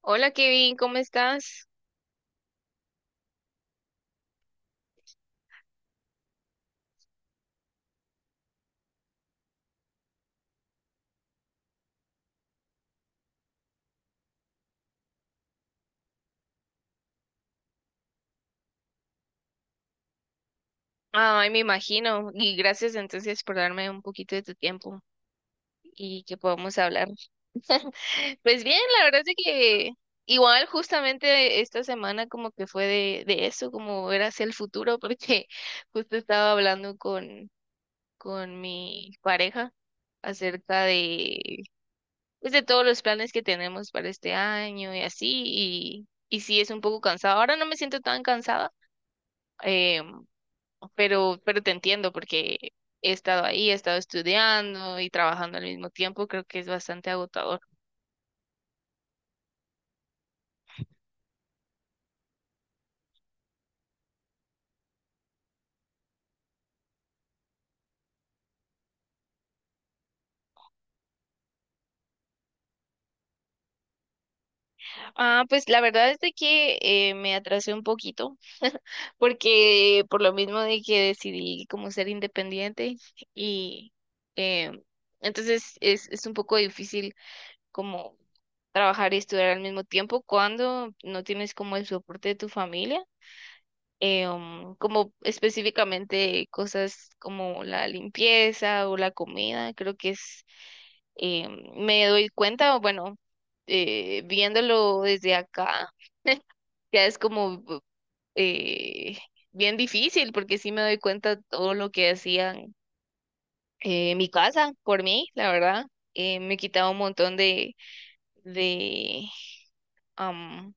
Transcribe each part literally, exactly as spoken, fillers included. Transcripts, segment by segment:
Hola Kevin, ¿cómo estás? Ay, me imagino. Y gracias entonces por darme un poquito de tu tiempo y que podamos hablar. Pues bien, la verdad es que igual justamente esta semana como que fue de, de eso, como ver hacia el futuro, porque justo estaba hablando con, con mi pareja acerca de, pues, de todos los planes que tenemos para este año y así, y, y sí es un poco cansado. Ahora no me siento tan cansada, em, pero, pero te entiendo porque he estado ahí, he estado estudiando y trabajando al mismo tiempo, creo que es bastante agotador. Ah, pues la verdad es de que eh, me atrasé un poquito porque por lo mismo de que decidí como ser independiente y, eh, entonces es, es un poco difícil como trabajar y estudiar al mismo tiempo cuando no tienes como el soporte de tu familia. Eh, um, como específicamente cosas como la limpieza o la comida, creo que es, eh, me doy cuenta, bueno, eh, viéndolo desde acá, ya es como, eh, bien difícil porque sí me doy cuenta todo lo que hacían eh, en mi casa por mí, la verdad. Eh, me quitaba un montón de, de, am,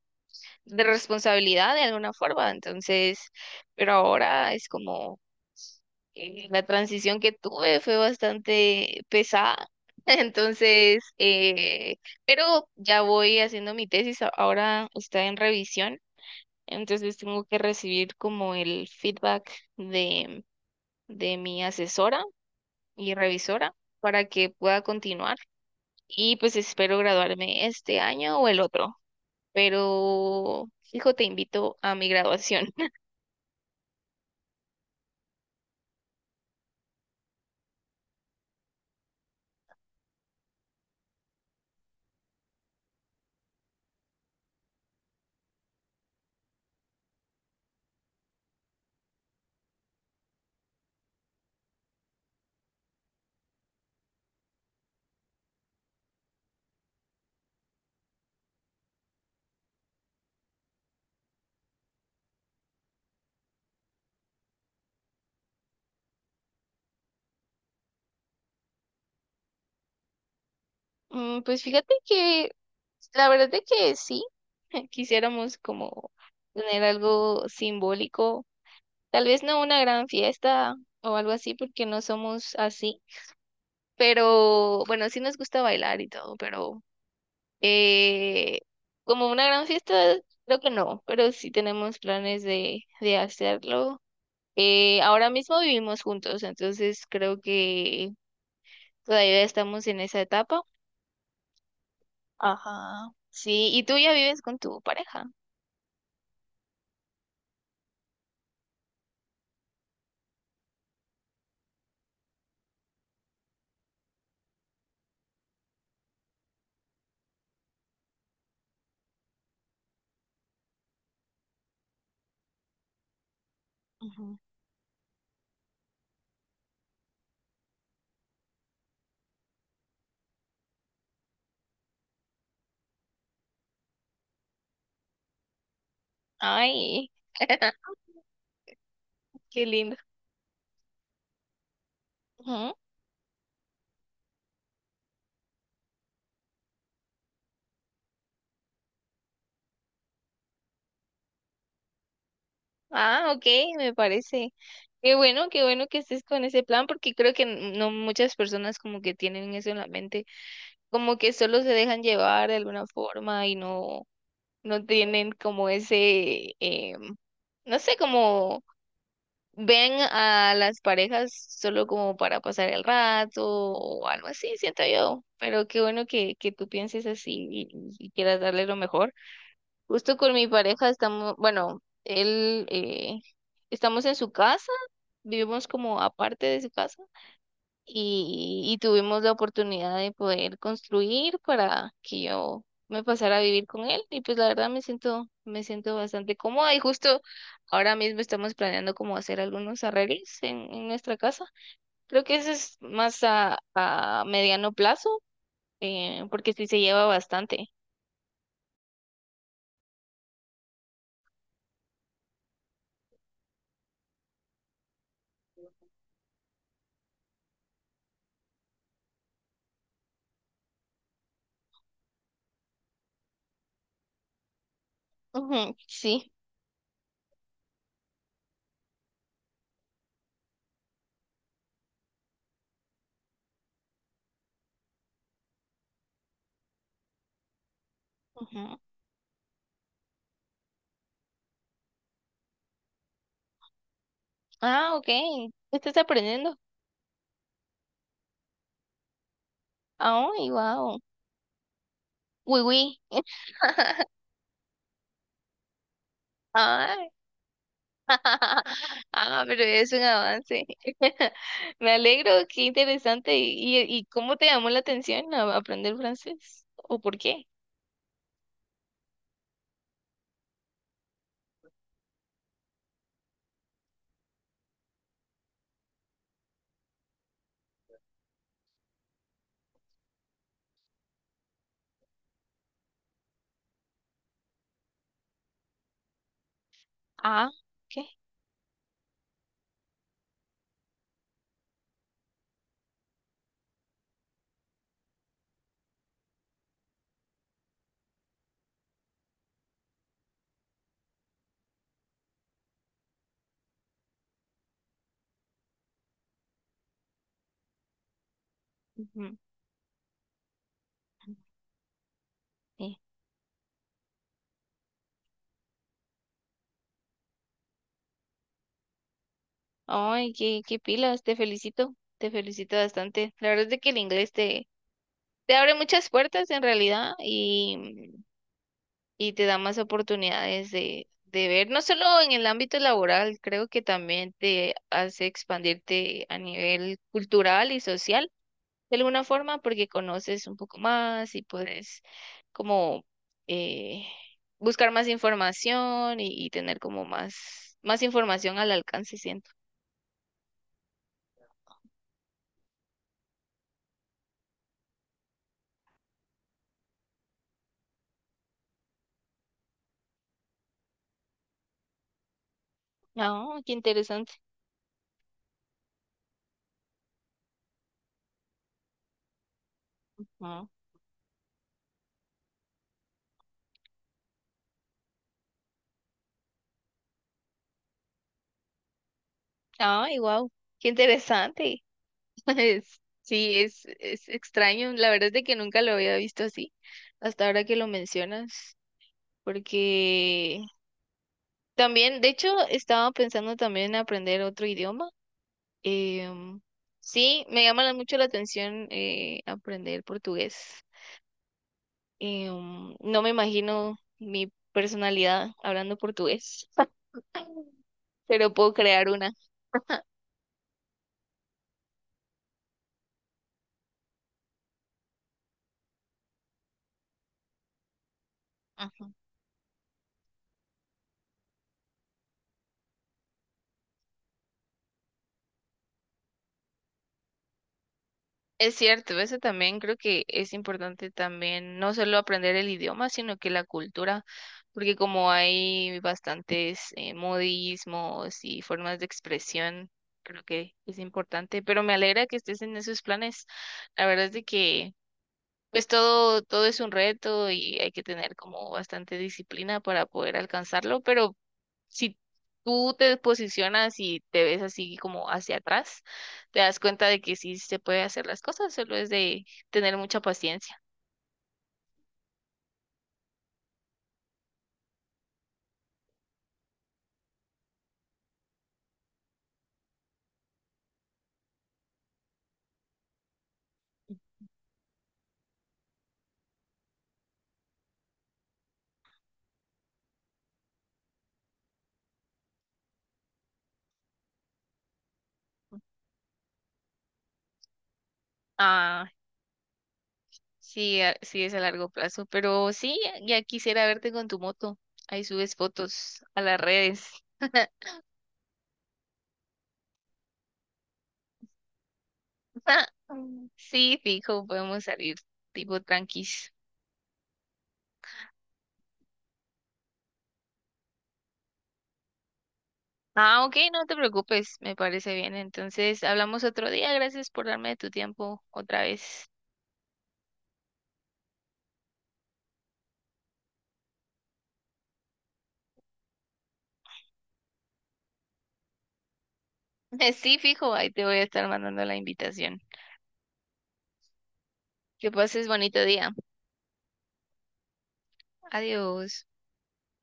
de responsabilidad de alguna forma, entonces, pero ahora es como, eh, la transición que tuve fue bastante pesada. Entonces, eh, pero ya voy haciendo mi tesis, a- ahora está en revisión, entonces tengo que recibir como el feedback de, de mi asesora y revisora para que pueda continuar y pues espero graduarme este año o el otro, pero hijo, te invito a mi graduación. Mm, pues fíjate que la verdad es que sí, quisiéramos como tener algo simbólico, tal vez no una gran fiesta o algo así porque no somos así, pero bueno, sí nos gusta bailar y todo, pero, eh, como una gran fiesta creo que no, pero sí tenemos planes de, de hacerlo. Eh, ahora mismo vivimos juntos, entonces creo que todavía estamos en esa etapa. Ajá. Sí, ¿y tú ya vives con tu pareja? Ujú. Ay, qué lindo. Ujú. Ah, ok, me parece. Qué bueno, qué bueno que estés con ese plan, porque creo que n- no muchas personas como que tienen eso en la mente, como que solo se dejan llevar de alguna forma y no, no tienen como ese, em, no sé, como ven a las parejas solo como para pasar el rato o algo así, siento yo. Pero qué bueno que, que tú pienses así, y, y quieras darle lo mejor. Justo con mi pareja estamos, bueno, él, eh, estamos en su casa, vivimos como aparte de su casa y, y tuvimos la oportunidad de poder construir para que yo me pasara a vivir con él y pues la verdad me siento, me siento bastante cómoda y justo ahora mismo estamos planeando como hacer algunos arreglos en, en nuestra casa. Creo que eso es más a, a mediano plazo, eh, porque sí se lleva bastante. Ujú, sí. Ujú. Ah, ok. ¿Qué estás aprendiendo? Ah, wow. Uy, uy. Ah. Ah, pero es un avance. Me alegro, qué interesante. ¿Y, y cómo te llamó la atención a- aprender francés? ¿O por qué? Ah, ¿qué? Ujú. Sí. Ay, qué, qué pilas, te felicito, te felicito bastante. La verdad es de que el inglés te, te abre muchas puertas en realidad, y, y te da más oportunidades de, de ver, no solo en el ámbito laboral, creo que también te hace expandirte a nivel cultural y social de alguna forma porque conoces un poco más y puedes como, eh, buscar más información y, y tener como más, más información al alcance, siento. Ah, qué interesante. Ah. Ay, wow, qué interesante. Es- sí, es, es extraño. La verdad es de que nunca lo había visto así, hasta ahora que lo mencionas, porque también, de hecho, estaba pensando también en aprender otro idioma. Em, sí, me llama mucho la atención, eh, aprender portugués. Em, no me imagino mi personalidad hablando portugués, pero puedo crear una. Ujú. Es cierto, eso también creo que es importante también, no solo aprender el idioma, sino que la cultura, porque como hay bastantes eh, modismos y formas de expresión, creo que es importante, pero me alegra que estés en esos planes. La verdad es de que... pues todo, todo es un reto y hay que tener como bastante disciplina para poder alcanzarlo, pero si tú te posicionas y te ves así como hacia atrás, te das cuenta de que sí se puede hacer las cosas, solo es de tener mucha paciencia. Ah, sí, a- sí es a largo plazo, pero sí, ya quisiera verte con tu moto. Ahí subes fotos a las redes. Sí, fijo, podemos salir tipo tranquis. Ah, ok, no te preocupes, me parece bien. Entonces, hablamos otro día. Gracias por darme tu tiempo otra vez. Sí, fijo, ahí te voy a estar mandando la invitación. Que pases bonito día. Adiós.